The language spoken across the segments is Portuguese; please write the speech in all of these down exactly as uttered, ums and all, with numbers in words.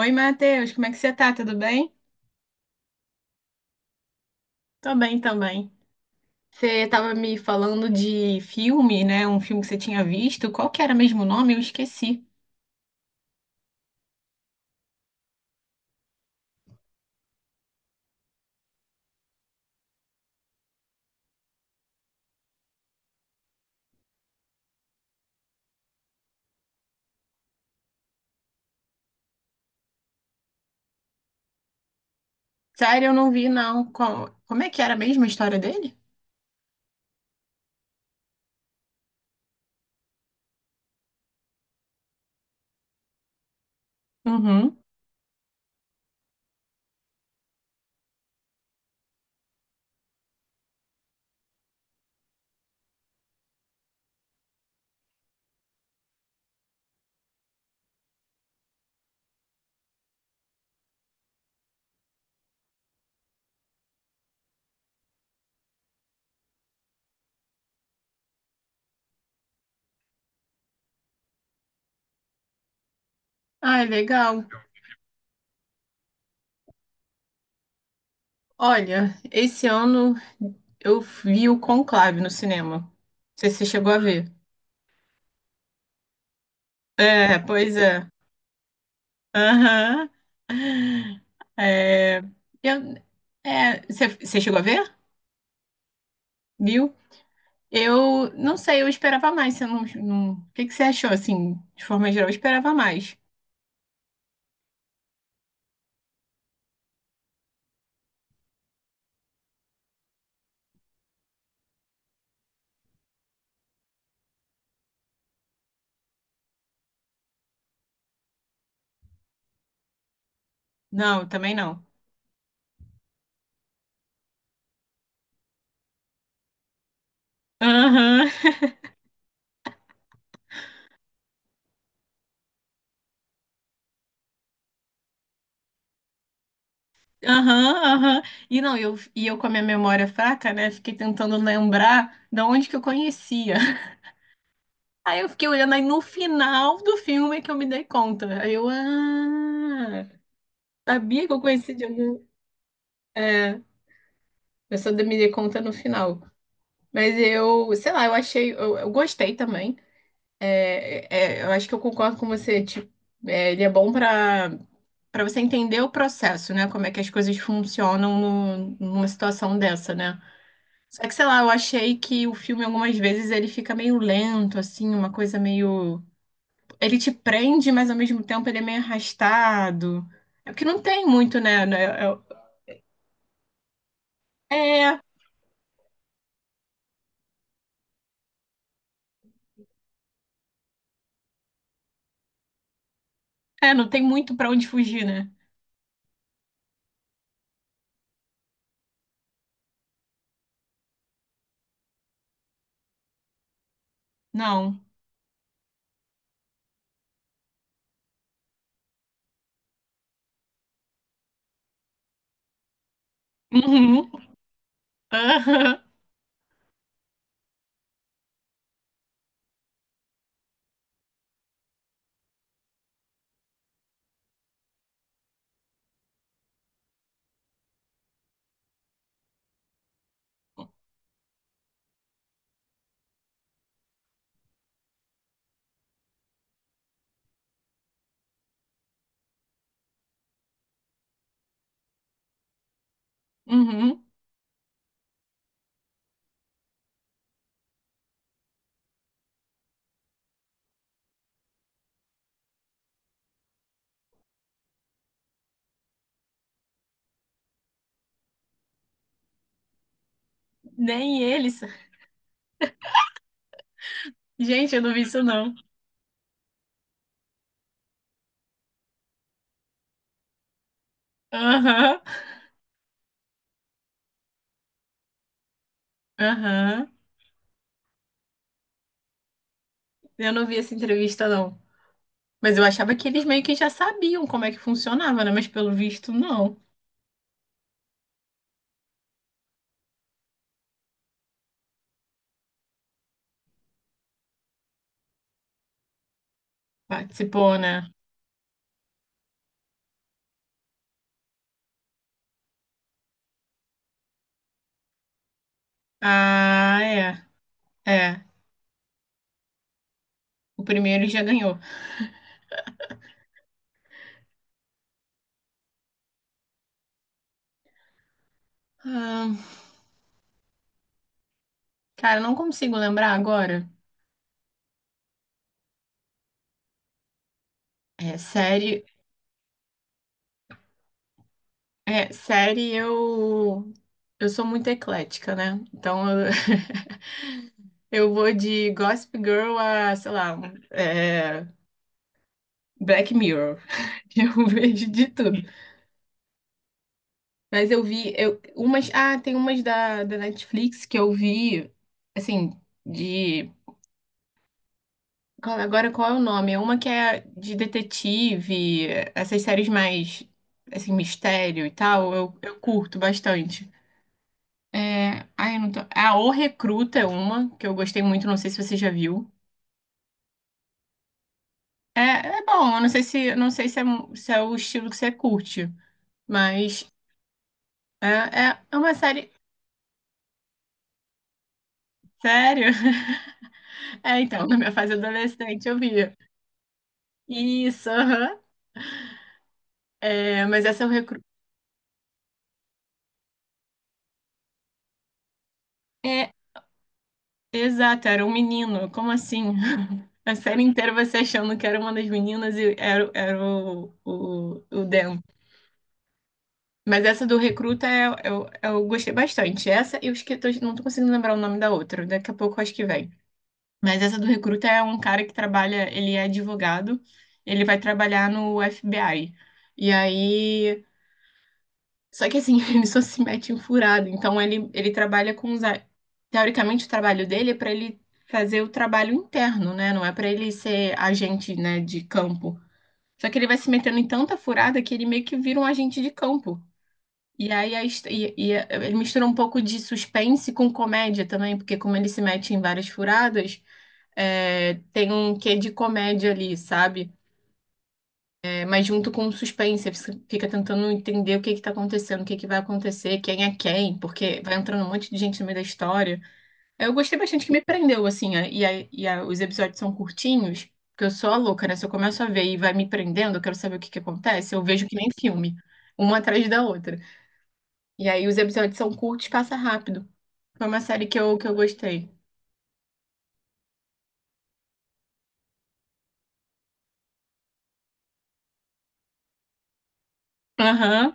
Oi, Matheus, como é que você tá? Tudo bem? Tô bem também. Você estava me falando de filme, né? Um filme que você tinha visto. Qual que era mesmo o nome? Eu esqueci. Sério, eu não vi, não. Qual- Como é que era mesmo a história dele? Uhum. Ah, é legal. Olha, esse ano eu vi o Conclave no cinema. Não sei se você chegou a ver. É, pois é. Aham. É, eu- é, você você chegou a ver? Viu? Eu não sei, eu esperava mais. Você não, não... O que que você achou, assim, de forma geral? Eu esperava mais. Não, eu também não. Aham, aham, aham. E não, eu, e eu com a minha memória fraca, né? Fiquei tentando lembrar de onde que eu conhecia. Aí eu fiquei olhando, aí no final do filme é que eu me dei conta. Aí eu, ah, sabia que eu conhecia de algum. É, eu só me dei conta no final. Mas eu, sei lá, eu achei, eu eu gostei também. É, é, eu acho que eu concordo com você. Tipo, é, ele é bom para para você entender o processo, né? Como é que as coisas funcionam no- numa situação dessa, né? Só que, sei lá, eu achei que o filme algumas vezes ele fica meio lento, assim, uma coisa meio. Ele te prende, mas ao mesmo tempo ele é meio arrastado. É porque não tem muito, né? É, é, é, é, não tem muito para onde fugir, né? Não. Uhum. Aham. Uhum. Nem eles. Gente, eu não vi isso, não. Aham. Aham. Eu não vi essa entrevista, não. Mas eu achava que eles meio que já sabiam como é que funcionava, né? Mas pelo visto, não. Participou, né? Ah, é. É. O primeiro já ganhou. Ah, cara, eu não consigo lembrar agora. É, série. É, série eu. Eu sou muito eclética, né? Então eu, eu vou de Gossip Girl a, sei lá, um, é, Black Mirror. Eu vejo de tudo. Mas eu vi eu, umas. Ah, tem umas da, da Netflix que eu vi, assim, de. qual- Agora qual é o nome? É uma que é de detetive, essas séries mais, assim, mistério e tal, eu, eu curto bastante. É, ai, eu não tô. Ah, O Recruta é uma que eu gostei muito, não sei se você já viu. É, é bom, eu não sei se, não sei se é, mu- se é o estilo que você curte, mas é, é é uma série. Sério? É, então, na minha fase adolescente eu vi. Isso, aham. É, mas essa eu recru... é, exato, era um menino. Como assim? A série inteira você achando que era uma das meninas e era, era o, o, o Dan. Mas essa do Recruta eu, eu, eu gostei bastante. Essa e os que tô, não tô conseguindo lembrar o nome da outra. Daqui a pouco eu acho que vem. Mas essa do Recruta é um cara que trabalha, ele é advogado, ele vai trabalhar no F B I. E aí. Só que assim, ele só se mete em furada. Então ele, ele trabalha com os. a- teoricamente, o trabalho dele é para ele fazer o trabalho interno, né? Não é para ele ser agente, né, de campo. Só que ele vai se metendo em tanta furada que ele meio que vira um agente de campo. E aí a his- e- e a- ele mistura um pouco de suspense com comédia também, porque como ele se mete em várias furadas, é, tem um quê de comédia ali, sabe? Mas junto com o suspense, você fica tentando entender o que que tá acontecendo, o que que vai acontecer, quem é quem, porque vai entrando um monte de gente no meio da história. Eu gostei bastante que me prendeu, assim, a- e, a- e a- os episódios são curtinhos, porque eu sou a louca, né? Se eu começo a ver e vai me prendendo, eu quero saber o que que acontece, eu vejo que nem filme, uma atrás da outra. E aí os episódios são curtos, passa rápido. Foi uma série que eu, que eu gostei. Aham,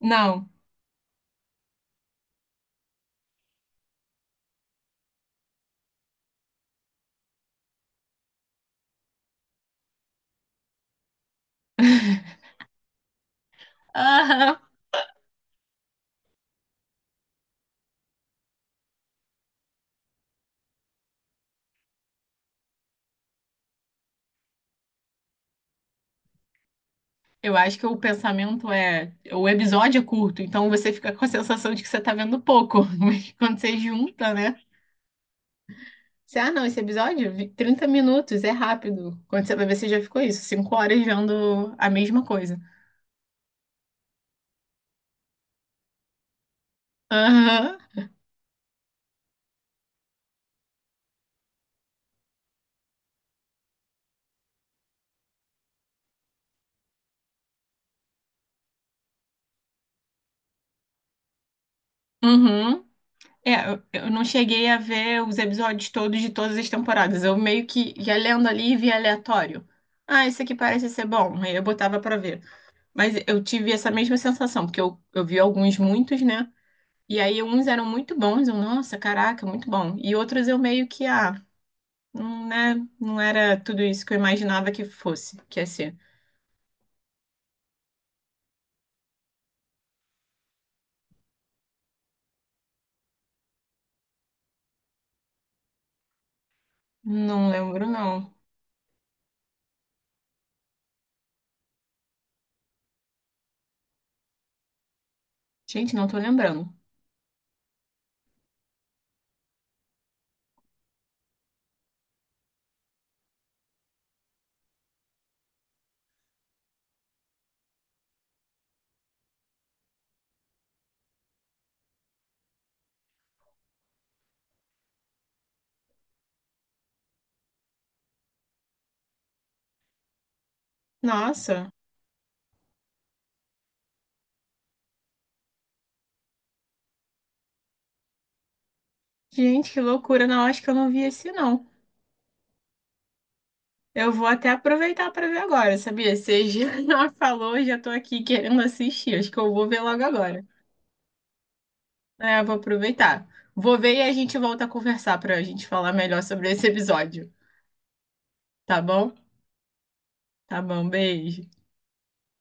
não. Aham, eu acho que o pensamento é: o episódio é curto, então você fica com a sensação de que você tá vendo pouco. Mas quando você junta, né? Você, ah, não, esse episódio, vi- trinta minutos, é rápido. Quando você vai ver, você já ficou isso, cinco horas vendo a mesma coisa. Aham, uhum. É, eu eu não cheguei a ver os episódios todos de todas as temporadas. Eu meio que ia lendo ali e via aleatório. Ah, esse aqui parece ser bom. Aí eu botava pra ver. Mas eu tive essa mesma sensação, porque eu, eu vi alguns muitos, né? E aí uns eram muito bons, eu, nossa, caraca, muito bom. E outros eu meio que, ah, não, né, não era tudo isso que eu imaginava que fosse, que ia ser. Não lembro, não. Gente, não tô lembrando. Nossa, gente, que loucura, não, acho que eu não vi esse, não. Eu vou até aproveitar pra ver agora, sabia? Você já falou, já tô aqui querendo assistir, acho que eu vou ver logo agora. É, eu vou aproveitar. Vou ver e a gente volta a conversar pra gente falar melhor sobre esse episódio, tá bom? Tá bom, beijo.